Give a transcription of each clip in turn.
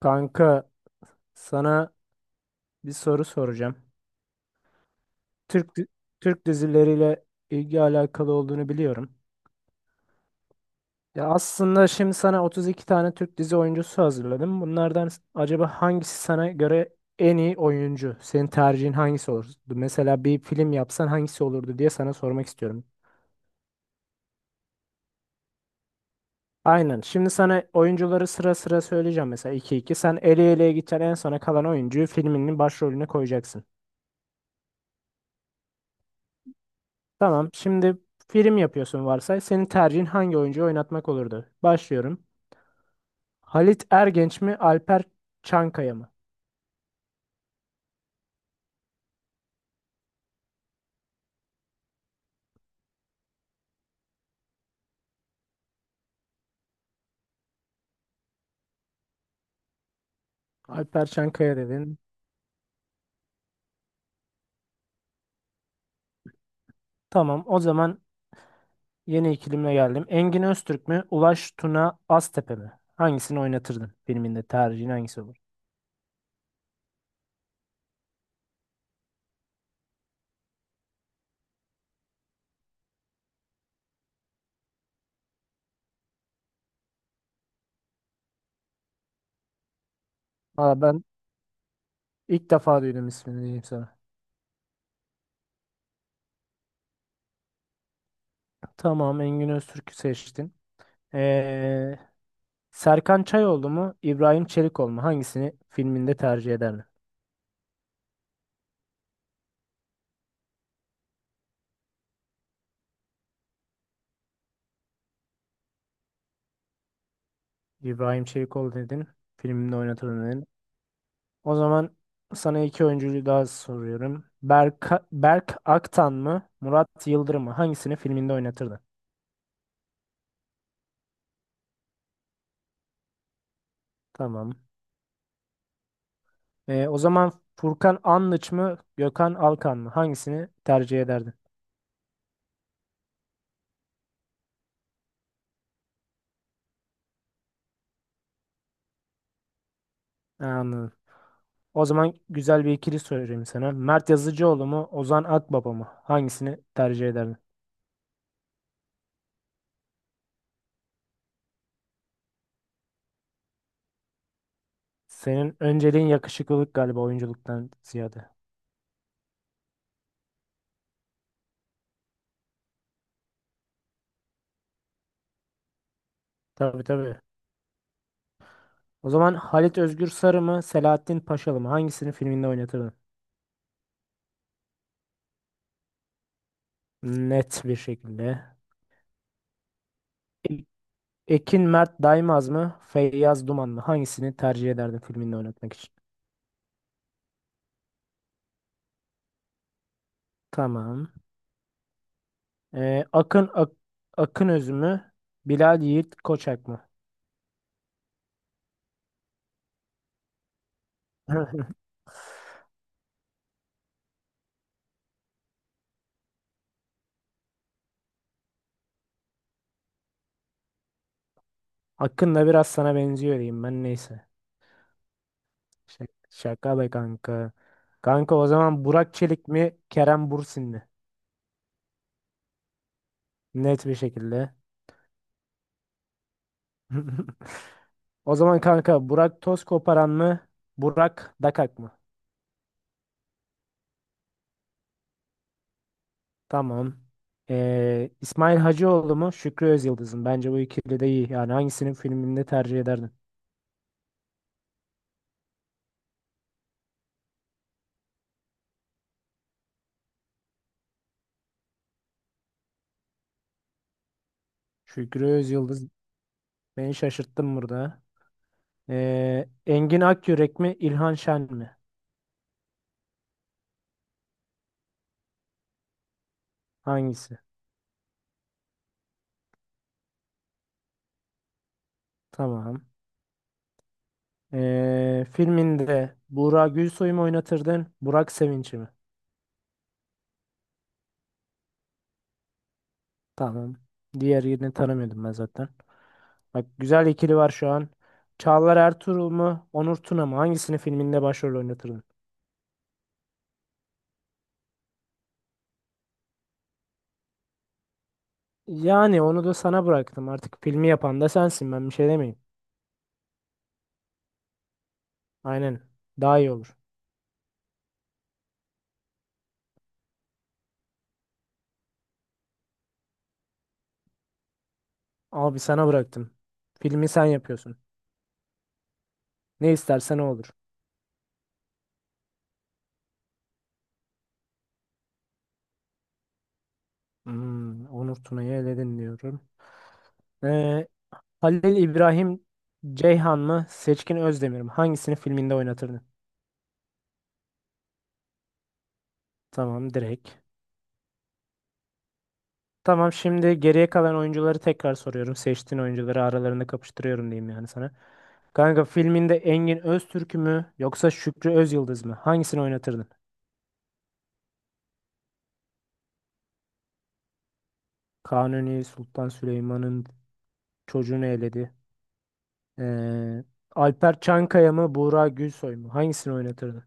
Kanka sana bir soru soracağım. Türk di- Türk dizileriyle ilgi alakalı olduğunu biliyorum. Ya aslında şimdi sana 32 tane Türk dizi oyuncusu hazırladım. Acaba hangisi sana göre en iyi oyuncu? Senin tercihin hangisi olurdu? Mesela bir film yapsan hangisi olurdu diye sana sormak istiyorum. Aynen. Şimdi sana oyuncuları sıra sıra söyleyeceğim. Mesela iki iki. Sen eleye eleye gideceksin. En sona kalan oyuncuyu filminin başrolüne koyacaksın. Tamam. Şimdi film yapıyorsun varsay. Senin tercihin hangi oyuncuyu oynatmak olurdu? Başlıyorum. Halit Ergenç mi, Alper Çankaya mı? Alper Çankaya dedin. Tamam. O zaman yeni ikilimle geldim. Engin Öztürk mü, Ulaş Tuna Aztepe mi? Hangisini oynatırdın? Filminde tercihin hangisi olur? Valla ben ilk defa duydum ismini diyeyim sana. Tamam. Engin Öztürk'ü seçtin. Ee, Serkan Çayoğlu mu, İbrahim Çelikoğlu mu? Hangisini filminde tercih ederdin? İbrahim Çelikoğlu dedin, filminde oynatırdın dedin. O zaman sana iki oyuncuyu daha soruyorum. Berk Aktan mı, Murat Yıldırım mı? Hangisini filminde oynatırdın? Tamam. O zaman Furkan Anlıç mı, Gökhan Alkan mı? Hangisini tercih ederdin? Ha, anladım. O zaman güzel bir ikili sorayım sana. Mert Yazıcıoğlu mu, Ozan Akbaba mı? Hangisini tercih ederdin? Senin önceliğin yakışıklılık galiba oyunculuktan ziyade. Tabii tabii. O zaman Halit Özgür Sarı mı, Selahattin Paşalı mı? Hangisini filminde oynatırdın? Net bir şekilde. E- Ekin Mert Daimaz mı, Feyyaz Duman mı? Hangisini tercih ederdin filminde oynatmak için? Tamam. Ee, Akın Ak Akın Öz mü, Bilal Yiğit Koçak mı? Akın'la biraz sana benziyor diyeyim ben neyse. Şaka, şaka be kanka. Kanka o zaman Burak Çelik mi, Kerem Bürsin mi? Net bir şekilde. O zaman kanka Burak toz koparan mı? Burak Dakak mı? Tamam. İsmail Hacıoğlu mu? Şükrü Özyıldız mı? Bence bu ikili de iyi. Yani hangisinin filminde tercih ederdin? Şükrü Özyıldız, beni şaşırttın burada. Engin Akyürek mi? İlhan Şen mi? Hangisi? Tamam. Filminde Burak Gülsoy mu oynatırdın? Burak Sevinç mi? Tamam. Diğer yerini tanımıyordum ben zaten. Bak güzel ikili var şu an. Çağlar Ertuğrul mu? Onur Tuna mı? Hangisini filminde başrol oynatırdın? Yani onu da sana bıraktım. Artık filmi yapan da sensin. Ben bir şey demeyeyim. Aynen. Daha iyi olur. Abi sana bıraktım. Filmi sen yapıyorsun. Ne istersen o olur. Hmm, Onur Tuna'yı eledin diyorum. Ee, Halil İbrahim Ceyhan mı? Seçkin Özdemir mi? Hangisini filminde oynatırdın? Tamam direkt. Tamam, şimdi geriye kalan oyuncuları tekrar soruyorum. Seçtiğin oyuncuları aralarında kapıştırıyorum diyeyim yani sana. Kanka filminde Engin Öztürk mü yoksa Şükrü Özyıldız mı? Hangisini oynatırdın? Kanuni Sultan Süleyman'ın çocuğunu eledi. Ee, Alper Çankaya mı Buğra Gülsoy mu? Hangisini oynatırdın?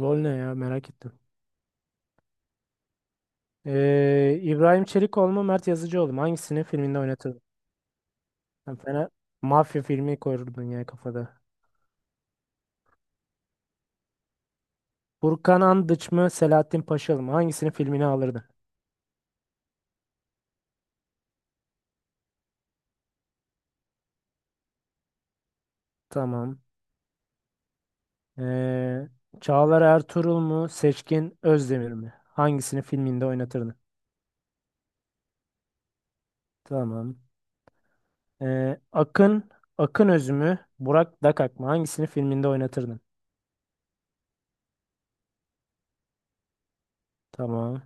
Rol ne ya, merak ettim. İbrahim Çelikoğlu mu Mert Yazıcıoğlu mu? Hangisini filminde oynatırdın? Sen fena mafya filmi koyurdun ya kafada. Burkan Andıç mı Selahattin Paşalı mı? Hangisinin filmini alırdın? Tamam. Ee, Çağlar Ertuğrul mu Seçkin Özdemir mi? Hangisinin filminde oynatırdın? Tamam. Ee, Akın Akın Öz mü Burak Dakak mı? Hangisinin filminde oynatırdın? Tamam.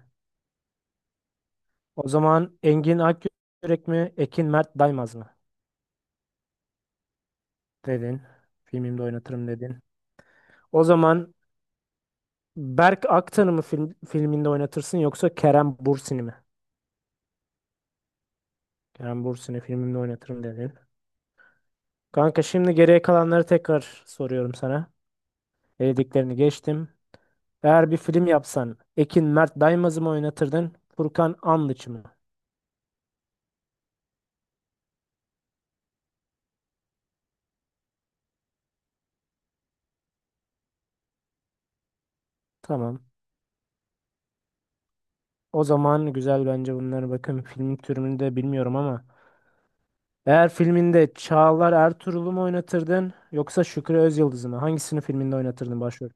O zaman Engin Akyürek mi Ekin Mert Daymaz mı? Dedin. Filmimde oynatırım dedin. O zaman Berk Aktan'ı mı filminde oynatırsın yoksa Kerem Bürsin'i mi? Kerem Bürsin'i filmimde oynatırım dedin. Kanka şimdi geriye kalanları tekrar soruyorum sana. Elediklerini geçtim. Eğer bir film yapsan Ekin Mert Daimaz'ı mı oynatırdın? Furkan Anlıç mı? Tamam. O zaman güzel bence bunlar. Bakın, filmin türünü de bilmiyorum ama. Eğer filminde Çağlar Ertuğrul'u mu oynatırdın? Yoksa Şükrü Özyıldız'ı mı? Hangisini filminde oynatırdın? Başrol.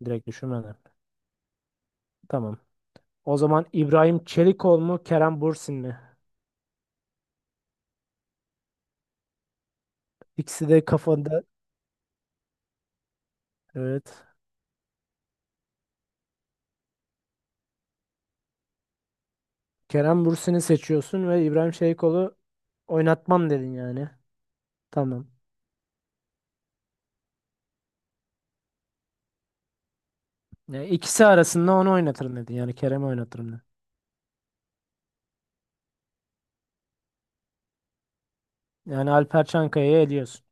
Direkt düşünmeden. Tamam. O zaman İbrahim Çelikol mu? Kerem Bürsin mi? İkisi de kafanda. Evet. Kerem Bürsin'i seçiyorsun ve İbrahim Şeykol'u oynatmam dedin yani. Tamam. Yani ikisi arasında onu oynatırım dedin. Yani Kerem'i oynatırım dedin. Yani Alper Çankaya'yı eliyorsun.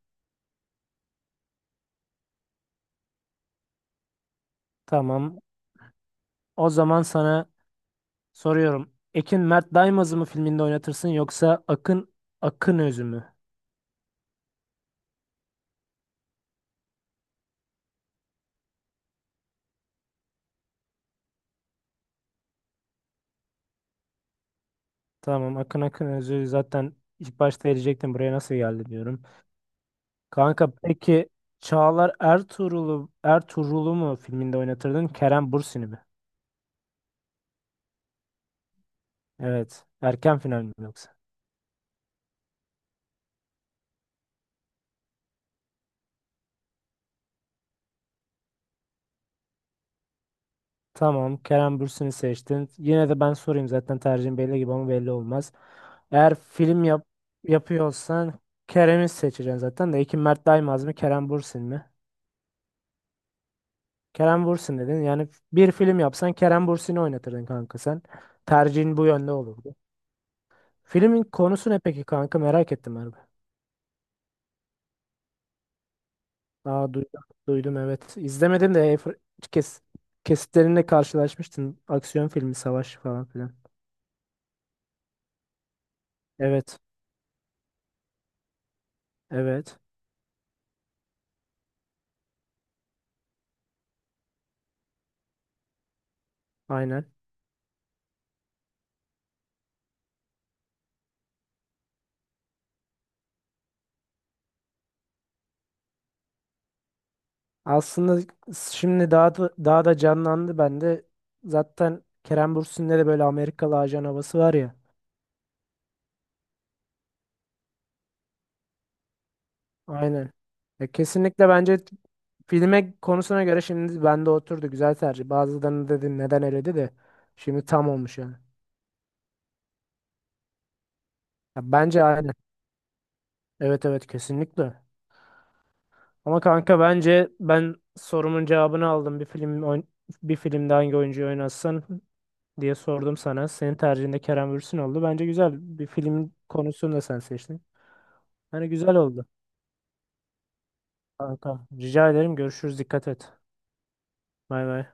Tamam. O zaman sana soruyorum. Ekin Mert Daimaz'ı mı filminde oynatırsın yoksa Akın Akın Özü mü? Tamam, Akın Akın Özü zaten ilk başta elecektim. Buraya nasıl geldi diyorum. Kanka peki Çağlar Ertuğrul'u Ertuğrul'u mu filminde oynatırdın? Kerem Bürsin'i mi? Evet. Erken final mi yoksa? Tamam, Kerem Bürsin'i seçtin. Yine de ben sorayım, zaten tercihim belli gibi ama belli olmaz. Eğer film yap yapıyorsan Kerem'i seçeceksin zaten de. Ekim Mert Daimaz mı Kerem Bürsin mi? Kerem Bürsin dedin. Yani bir film yapsan Kerem Bürsin'i oynatırdın kanka sen. Tercihin bu yönde olurdu. Filmin konusu ne peki kanka, merak ettim abi. Aa duydum, duydum evet. İzlemedim de kes kesitlerinde karşılaşmıştım. Aksiyon filmi, savaş falan filan. Evet, evet. Aynen. Aslında şimdi daha da canlandı bende. Zaten Kerem Bürsin'de de böyle Amerikalı ajan havası var ya. Aynen. Ya kesinlikle bence filme konusuna göre şimdi bende oturdu. Güzel tercih. Bazılarını dedim neden eledi de. Şimdi tam olmuş yani. Ya bence aynen. Evet evet kesinlikle. Ama kanka bence ben sorumun cevabını aldım. Bir filmde hangi oyuncuyu oynasın diye sordum sana. Senin tercihinde Kerem Bürsin oldu. Bence güzel bir filmin konusunu da sen seçtin. Yani güzel oldu. Kanka, rica ederim. Görüşürüz. Dikkat et. Bay bay.